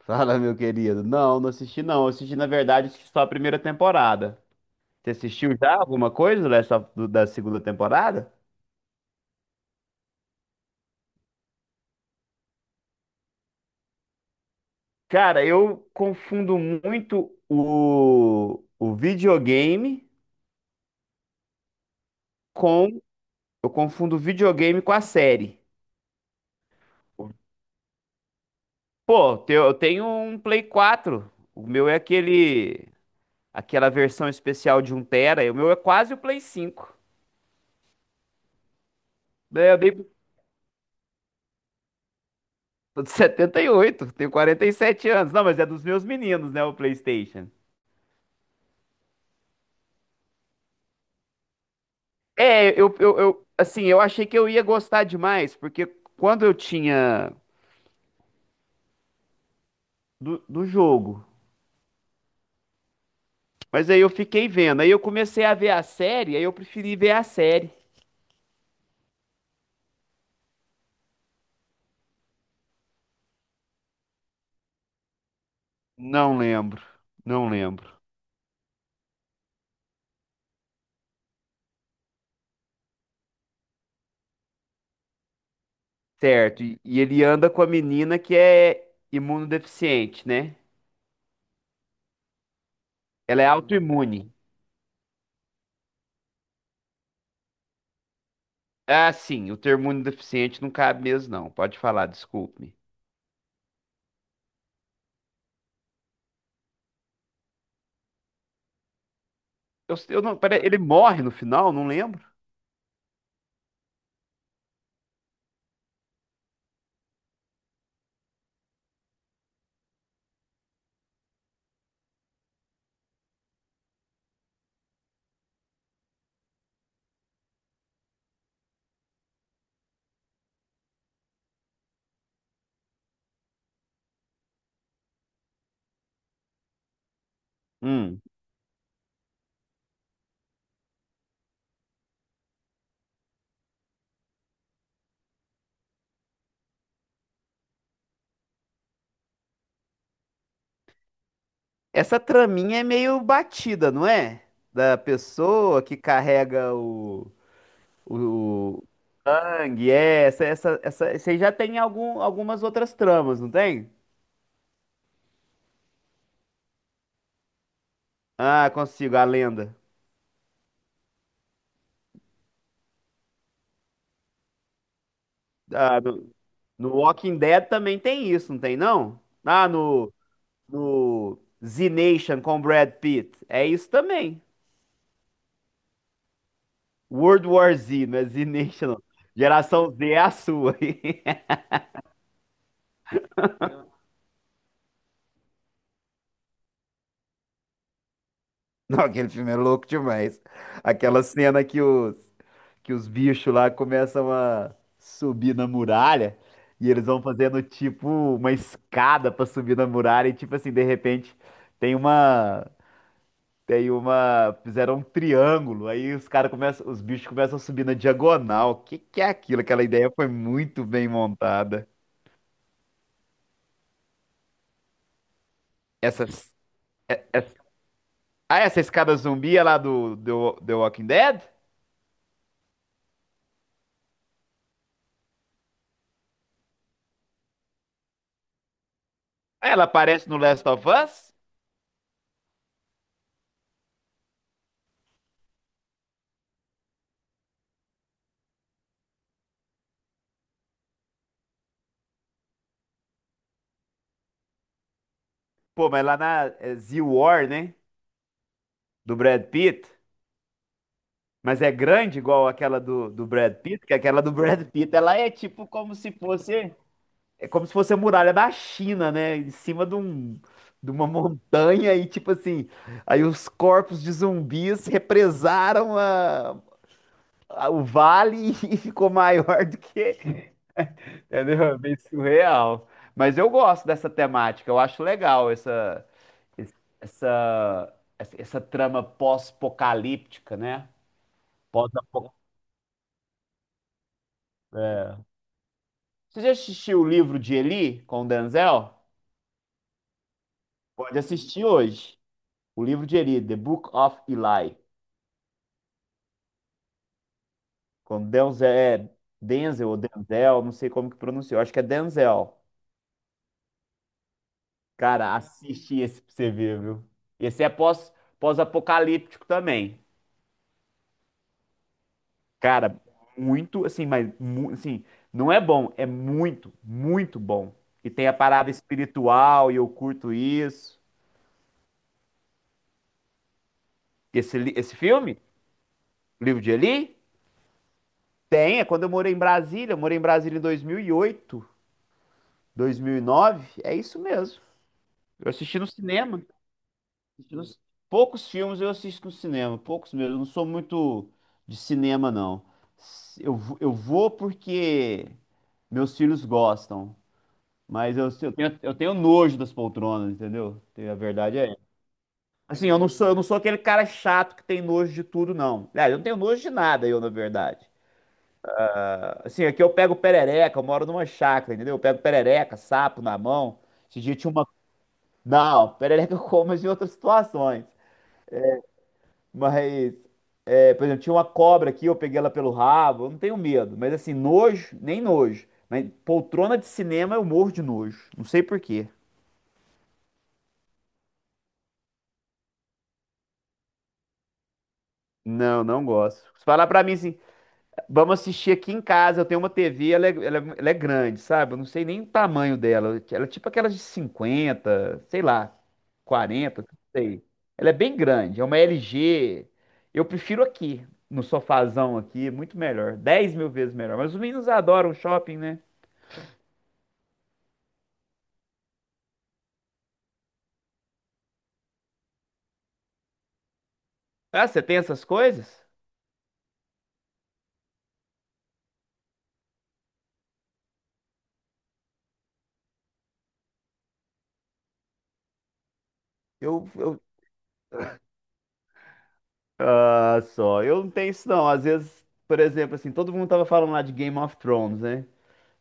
Fala, meu querido. Não, não assisti não. Eu assisti, na verdade, assisti só a primeira temporada. Você assistiu já alguma coisa dessa, da segunda temporada? Cara, eu confundo muito o videogame com... Eu confundo o videogame com a série. Pô, eu tenho um Play 4. O meu é aquele... Aquela versão especial de um tera. E o meu é quase o Play 5, né? Tô de 78, tenho 47 anos. Não, mas é dos meus meninos, né, o PlayStation. É, assim, eu achei que eu ia gostar demais, porque quando eu tinha do jogo, mas aí eu fiquei vendo, aí eu comecei a ver a série, aí eu preferi ver a série. Não lembro, não lembro. Certo, e ele anda com a menina que é imunodeficiente, né? Ela é autoimune. Ah, sim, o termo imunodeficiente não cabe mesmo, não. Pode falar, desculpe-me. Eu não, pera, ele morre no final, não lembro. Essa traminha é meio batida, não é? Da pessoa que carrega o sangue, é, essa, você já tem algumas outras tramas, não tem? Ah, consigo, a lenda. Ah, no Walking Dead também tem isso, não tem não? Ah, no Z Nation com Brad Pitt, é isso também. World War Z, não é Z Nation, não. Geração Z é a sua. Não, aquele filme é louco demais. Aquela cena que os bichos lá começam a subir na muralha e eles vão fazendo tipo uma escada pra subir na muralha e tipo assim, de repente tem uma tem uma fizeram um triângulo, aí os caras começam, os bichos começam a subir na diagonal. Que é aquilo? Aquela ideia foi muito bem montada. Essas essa, ah, essa escada zumbi é lá do The Walking Dead? Ah, ela aparece no Last of Us? Pô, mas lá na é, Z-War, né? Do Brad Pitt. Mas é grande igual aquela do Brad Pitt, que aquela do Brad Pitt, ela é tipo como se fosse, é como se fosse a muralha da China, né? Em cima de um, de uma montanha e tipo assim, aí os corpos de zumbis represaram o vale e ficou maior do que, entendeu? É bem surreal. Mas eu gosto dessa temática, eu acho legal essa essa trama pós-apocalíptica, né? Pós-apocalíptica. Você já assistiu o livro de Eli com o Denzel? Pode assistir hoje. O livro de Eli, The Book of Eli. Com Denzel, é Denzel ou Denzel, não sei como que pronunciou. Acho que é Denzel. Cara, assiste esse pra você ver, viu? Esse é pós-apocalíptico também. Cara, muito, assim, não é bom, é muito, muito bom. E tem a parada espiritual, e eu curto isso. Esse, esse filme? O livro de Eli? Tem, é quando eu morei em Brasília, eu morei em Brasília em 2008, 2009, é isso mesmo. Eu assisti no cinema, assisti nos- poucos filmes eu assisto no cinema, poucos mesmo, eu não sou muito de cinema não. Eu vou porque meus filhos gostam, mas eu tenho nojo das poltronas, entendeu? A verdade é essa. Assim, eu não sou aquele cara chato que tem nojo de tudo, não. Aliás, eu não tenho nojo de nada, eu, na verdade. Assim, aqui eu pego perereca, eu moro numa chácara, entendeu? Eu pego perereca, sapo na mão. Esse dia tinha uma. Não, perereca eu como mas em outras situações. Mas, é, por exemplo, tinha uma cobra aqui, eu peguei ela pelo rabo, eu não tenho medo. Mas assim, nojo, nem nojo. Mas poltrona de cinema eu morro de nojo. Não sei por quê. Não, não gosto. Se falar pra mim assim, vamos assistir aqui em casa. Eu tenho uma TV, ela é grande, sabe? Eu não sei nem o tamanho dela. Ela é tipo aquelas de 50, sei lá, 40, não sei. Ela é bem grande, é uma LG. Eu prefiro aqui, no sofazão aqui, muito melhor, 10.000 vezes melhor. Mas os meninos adoram shopping, né? Ah, você tem essas coisas? Eu... Ah, só. Eu não tenho isso, não. Às vezes, por exemplo, assim, todo mundo tava falando lá de Game of Thrones, né?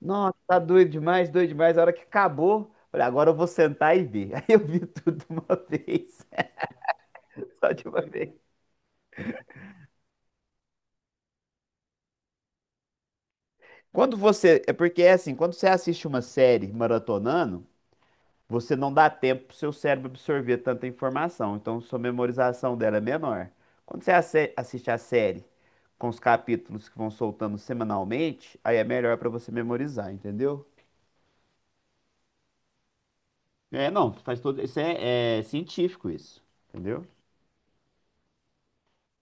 Nossa, tá doido demais, doido demais. A hora que acabou, falei, agora eu vou sentar e ver. Aí eu vi tudo de uma vez, só de uma vez. Quando você, é porque é assim, quando você assiste uma série maratonando, você não dá tempo pro seu cérebro absorver tanta informação, então sua memorização dela é menor. Quando você assiste a série com os capítulos que vão soltando semanalmente, aí é melhor pra você memorizar, entendeu? É, não, faz todo, isso é científico isso, entendeu?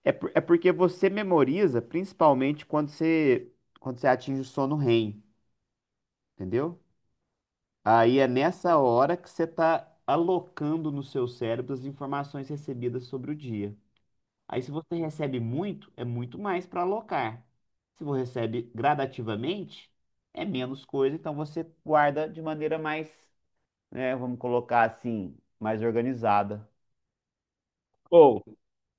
É, é porque você memoriza, principalmente quando você atinge o sono REM, entendeu? Aí é nessa hora que você está alocando no seu cérebro as informações recebidas sobre o dia. Aí, se você recebe muito, é muito mais para alocar. Se você recebe gradativamente, é menos coisa, então você guarda de maneira mais, né, vamos colocar assim, mais organizada. Ou,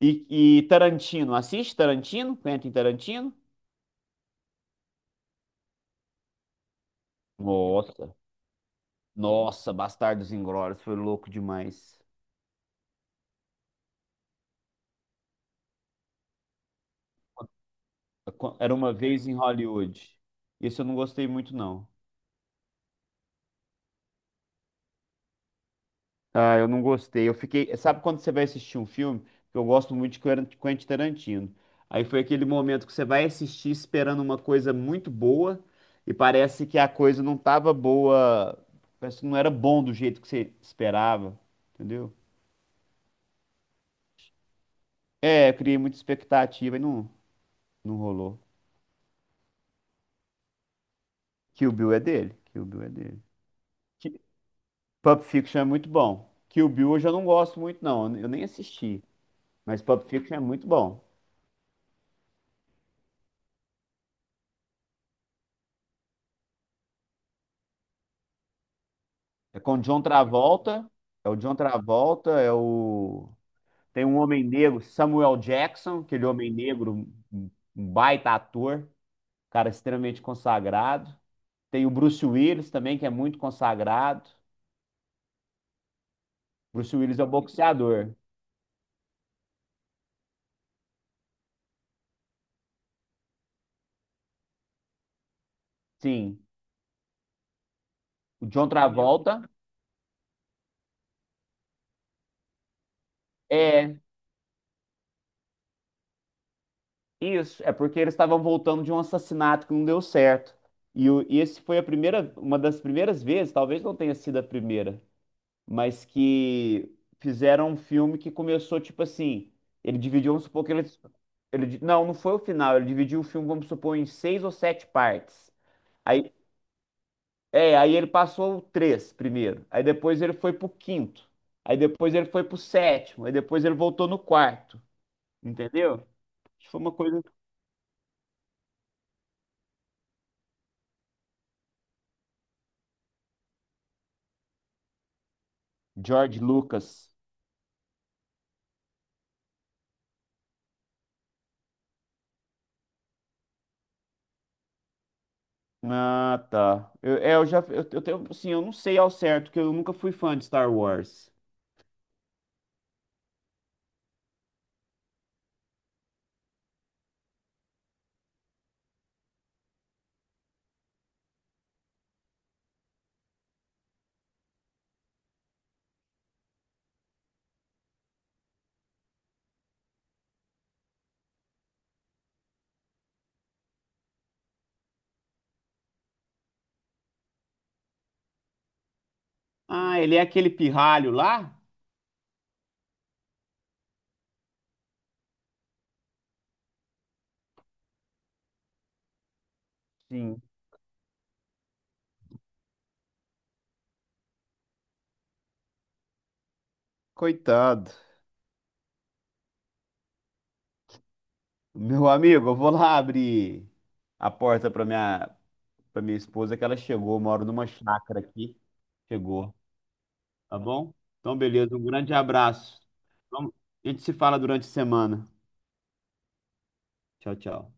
e, e Tarantino, assiste Tarantino? Quentin Tarantino? Nossa. Nossa, Bastardos Inglórios foi louco demais. Era uma vez em Hollywood. Isso eu não gostei muito, não. Ah, eu não gostei. Eu fiquei. Sabe quando você vai assistir um filme? Que eu gosto muito de Quentin Tarantino. Aí foi aquele momento que você vai assistir esperando uma coisa muito boa e parece que a coisa não tava boa. Parece que não era bom do jeito que você esperava. Entendeu? É, eu criei muita expectativa e não, não rolou. Kill Bill é dele. Kill Bill é dele. Pulp Fiction é muito bom. Kill Bill eu já não gosto muito, não. Eu nem assisti. Mas Pulp Fiction é muito bom. É com o John Travolta. É o John Travolta, é o. Tem um homem negro, Samuel Jackson, aquele homem negro, um baita ator, cara extremamente consagrado. Tem o Bruce Willis também, que é muito consagrado. Bruce Willis é o boxeador. Sim. O John Travolta. É isso, é porque eles estavam voltando de um assassinato que não deu certo. E, o, e esse foi a primeira, uma das primeiras vezes, talvez não tenha sido a primeira, mas que fizeram um filme que começou tipo assim, ele dividiu, vamos supor que ele, di- não, não foi o final, ele dividiu o filme, vamos supor, em 6 ou 7 partes. Aí, é, aí ele passou o três primeiro, aí depois ele foi pro quinto, aí depois ele foi pro sétimo, aí depois ele voltou no quarto, entendeu? Foi uma coisa... George Lucas. Ah, tá. Eu, é, eu já. Eu tenho. Assim, eu não sei ao certo, que eu nunca fui fã de Star Wars. Ah, ele é aquele pirralho lá? Sim. Coitado. Meu amigo, eu vou lá abrir a porta para minha esposa, que ela chegou. Eu moro numa chácara aqui. Chegou, tá bom? Então, beleza, um grande abraço. Vamos- a gente se fala durante a semana. Tchau, tchau.